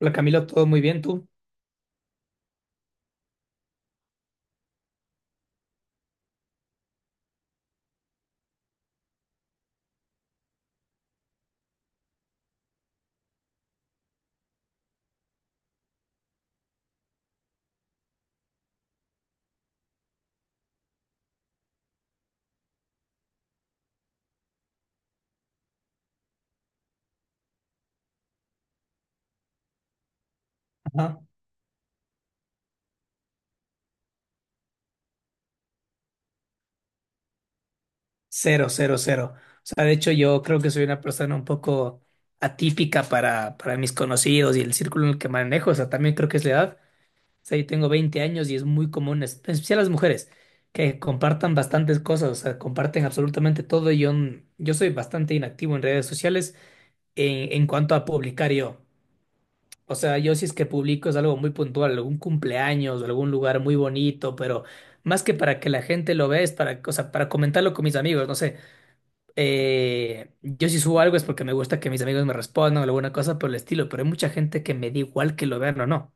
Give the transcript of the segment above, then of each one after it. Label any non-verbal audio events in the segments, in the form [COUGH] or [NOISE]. Hola Camilo, todo muy bien, ¿tú? Ajá. Cero, cero, cero. O sea, de hecho yo creo que soy una persona un poco atípica para mis conocidos y el círculo en el que manejo. O sea, también creo que es la edad. O sea, yo tengo 20 años y es muy común, en especial las mujeres, que compartan bastantes cosas, o sea, comparten absolutamente todo. Y yo soy bastante inactivo en redes sociales en cuanto a publicar yo. O sea, yo si es que publico es algo muy puntual, algún cumpleaños, algún lugar muy bonito, pero más que para que la gente lo vea, es para, o sea, para comentarlo con mis amigos, no sé. Yo si subo algo es porque me gusta que mis amigos me respondan o alguna cosa por el estilo, pero hay mucha gente que me da igual que lo vean o no.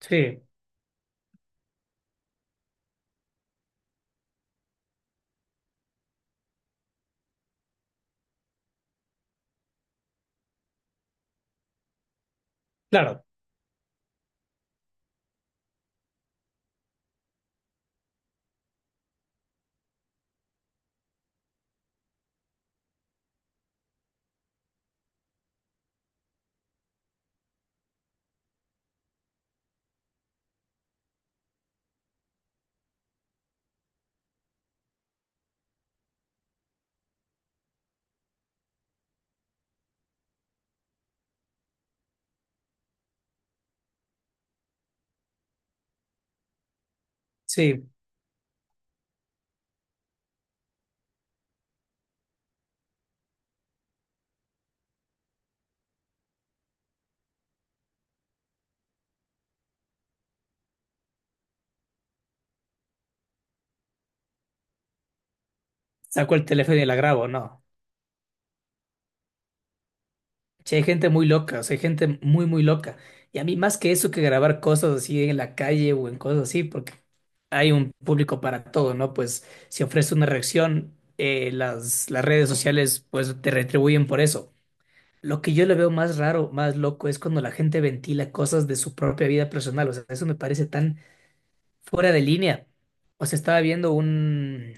Sí, claro. Sí, saco el teléfono y la grabo, no. Sí, hay gente muy loca, o sea, hay gente muy, muy loca. Y a mí más que eso que grabar cosas así en la calle o en cosas así, porque hay un público para todo, ¿no? Pues si ofrece una reacción, las redes sociales pues te retribuyen por eso. Lo que yo le veo más raro, más loco, es cuando la gente ventila cosas de su propia vida personal. O sea, eso me parece tan fuera de línea. O sea, estaba viendo un,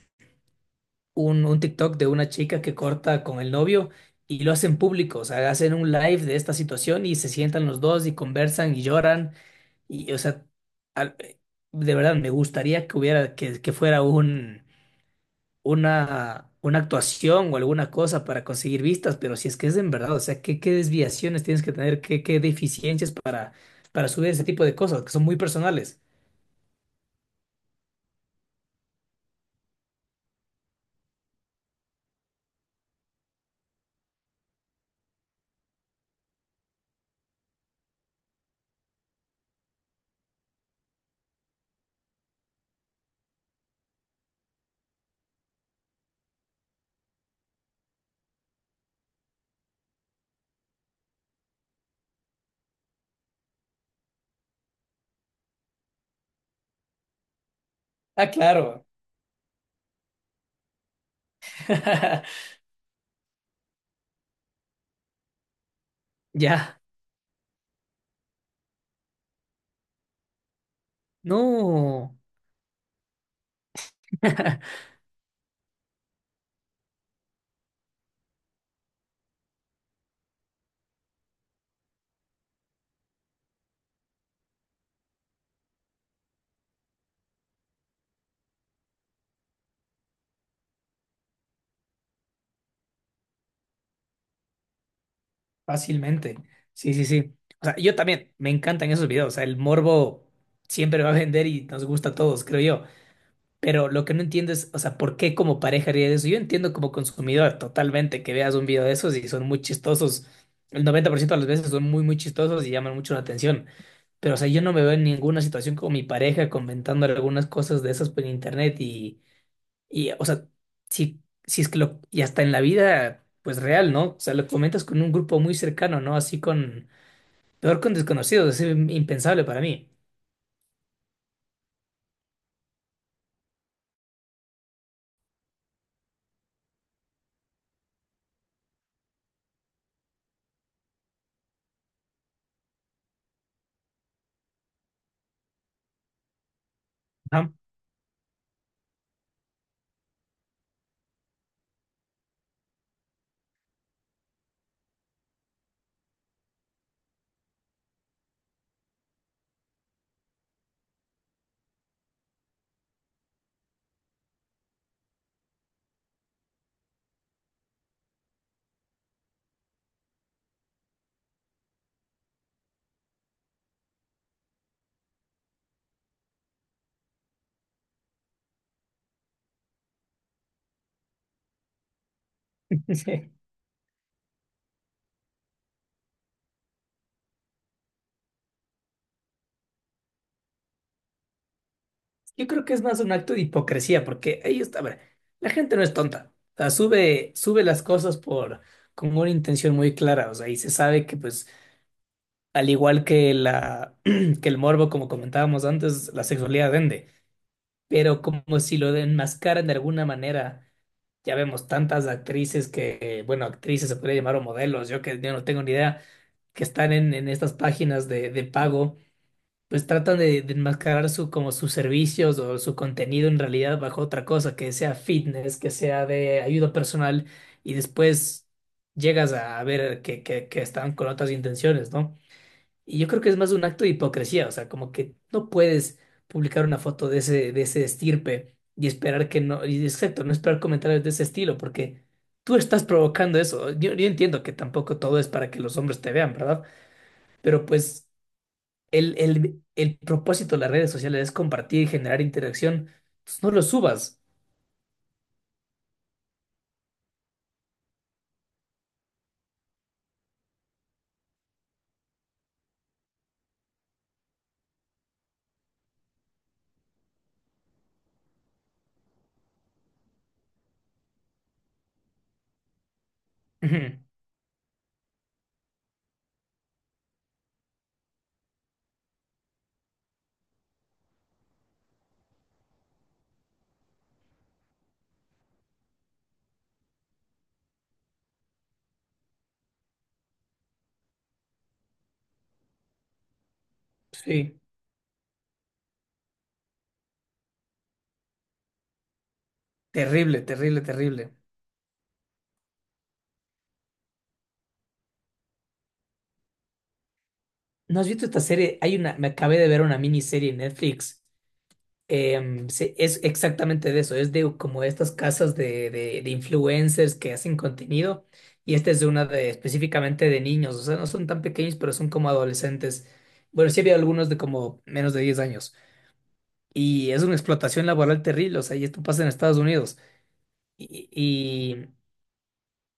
un, un TikTok de una chica que corta con el novio y lo hacen público, o sea, hacen un live de esta situación y se sientan los dos y conversan y lloran y, o sea, al- eh, de verdad me gustaría que hubiera, que fuera una actuación o alguna cosa para conseguir vistas, pero si es que es en verdad, o sea, ¿qué desviaciones tienes que tener, qué deficiencias para subir ese tipo de cosas que son muy personales? Ah, claro. [LAUGHS] Ya. No. [LAUGHS] Fácilmente. Sí, sí, sí. O sea, yo también me encantan esos videos. O sea, el morbo siempre va a vender y nos gusta a todos, creo yo. Pero lo que no entiendo es, o sea, ¿por qué como pareja haría eso? Yo entiendo como consumidor totalmente que veas un video de esos y son muy chistosos. El 90% de las veces son muy, muy chistosos y llaman mucho la atención. Pero, o sea, yo no me veo en ninguna situación con mi pareja comentando algunas cosas de esas por internet y, o sea, si es que lo, y hasta en la vida, pues real, ¿no? O sea, lo comentas con un grupo muy cercano, ¿no? Así con, peor con desconocidos, es impensable para mí. Ajá. [LAUGHS] Yo creo que es más un acto de hipocresía, porque ahí está, a ver, la gente no es tonta. O sea, sube, sube las cosas por, con una intención muy clara, o sea, y se sabe que, pues, al igual que [CLEARS THROAT] que el morbo, como comentábamos antes, la sexualidad vende, pero como si lo enmascaran de alguna manera. Ya vemos tantas actrices que, bueno, actrices se podría llamar o modelos, yo que yo no tengo ni idea, que están en estas páginas de pago, pues tratan de enmascarar su, como sus servicios o su contenido en realidad bajo otra cosa, que sea fitness, que sea de ayuda personal, y después llegas a ver que están con otras intenciones, ¿no? Y yo creo que es más un acto de hipocresía, o sea, como que no puedes publicar una foto de ese, estirpe y esperar que no, y exacto, no esperar comentarios de ese estilo, porque tú estás provocando eso. Yo entiendo que tampoco todo es para que los hombres te vean, ¿verdad? Pero pues el propósito de las redes sociales es compartir y generar interacción, pues no lo subas. Ujú. Sí, terrible, terrible, terrible. ¿No has visto esta serie? Hay una, me acabé de ver una miniserie en Netflix. Sí, es exactamente de eso, es de como estas casas de influencers que hacen contenido y esta es de una de específicamente de niños, o sea, no son tan pequeños, pero son como adolescentes. Bueno, sí había algunos de como menos de 10 años y es una explotación laboral terrible, o sea, y esto pasa en Estados Unidos. Y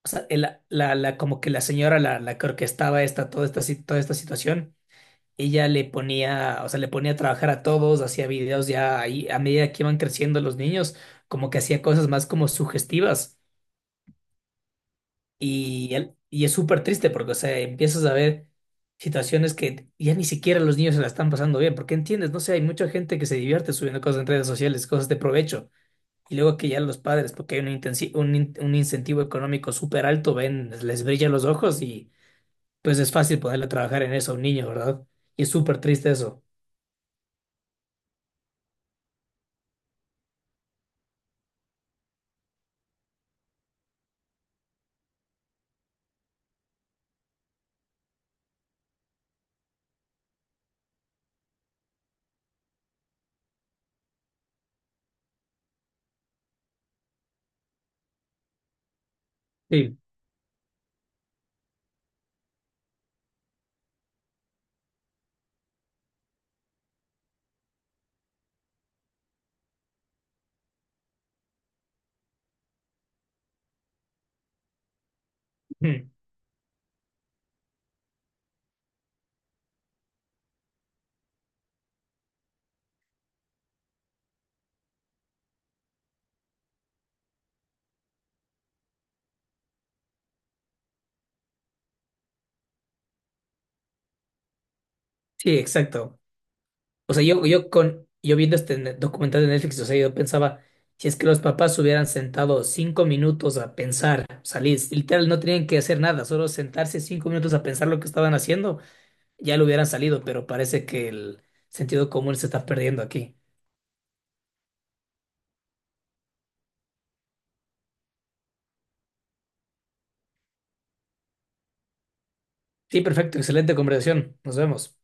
o sea, la, como que la señora, la que orquestaba esta, toda esta, si- toda esta situación, ella le ponía, o sea, le ponía a trabajar a todos, hacía videos ya ahí, a medida que iban creciendo los niños, como que hacía cosas más como sugestivas. Y es súper triste porque, o sea, empiezas a ver situaciones que ya ni siquiera los niños se la están pasando bien, porque entiendes, no sé, hay mucha gente que se divierte subiendo cosas en redes sociales, cosas de provecho. Y luego que ya los padres, porque hay un, intensi- un, in- un incentivo económico súper alto, ven, les brilla los ojos y pues es fácil ponerle a trabajar en eso a un niño, ¿verdad? Y es súper triste eso. Sí. Sí, exacto. O sea, yo con yo viendo este documental de Netflix, o sea, yo pensaba, si es que los papás se hubieran sentado 5 minutos a pensar, o sea, literal, no tenían que hacer nada, solo sentarse 5 minutos a pensar lo que estaban haciendo, ya lo hubieran salido, pero parece que el sentido común se está perdiendo aquí. Sí, perfecto, excelente conversación. Nos vemos.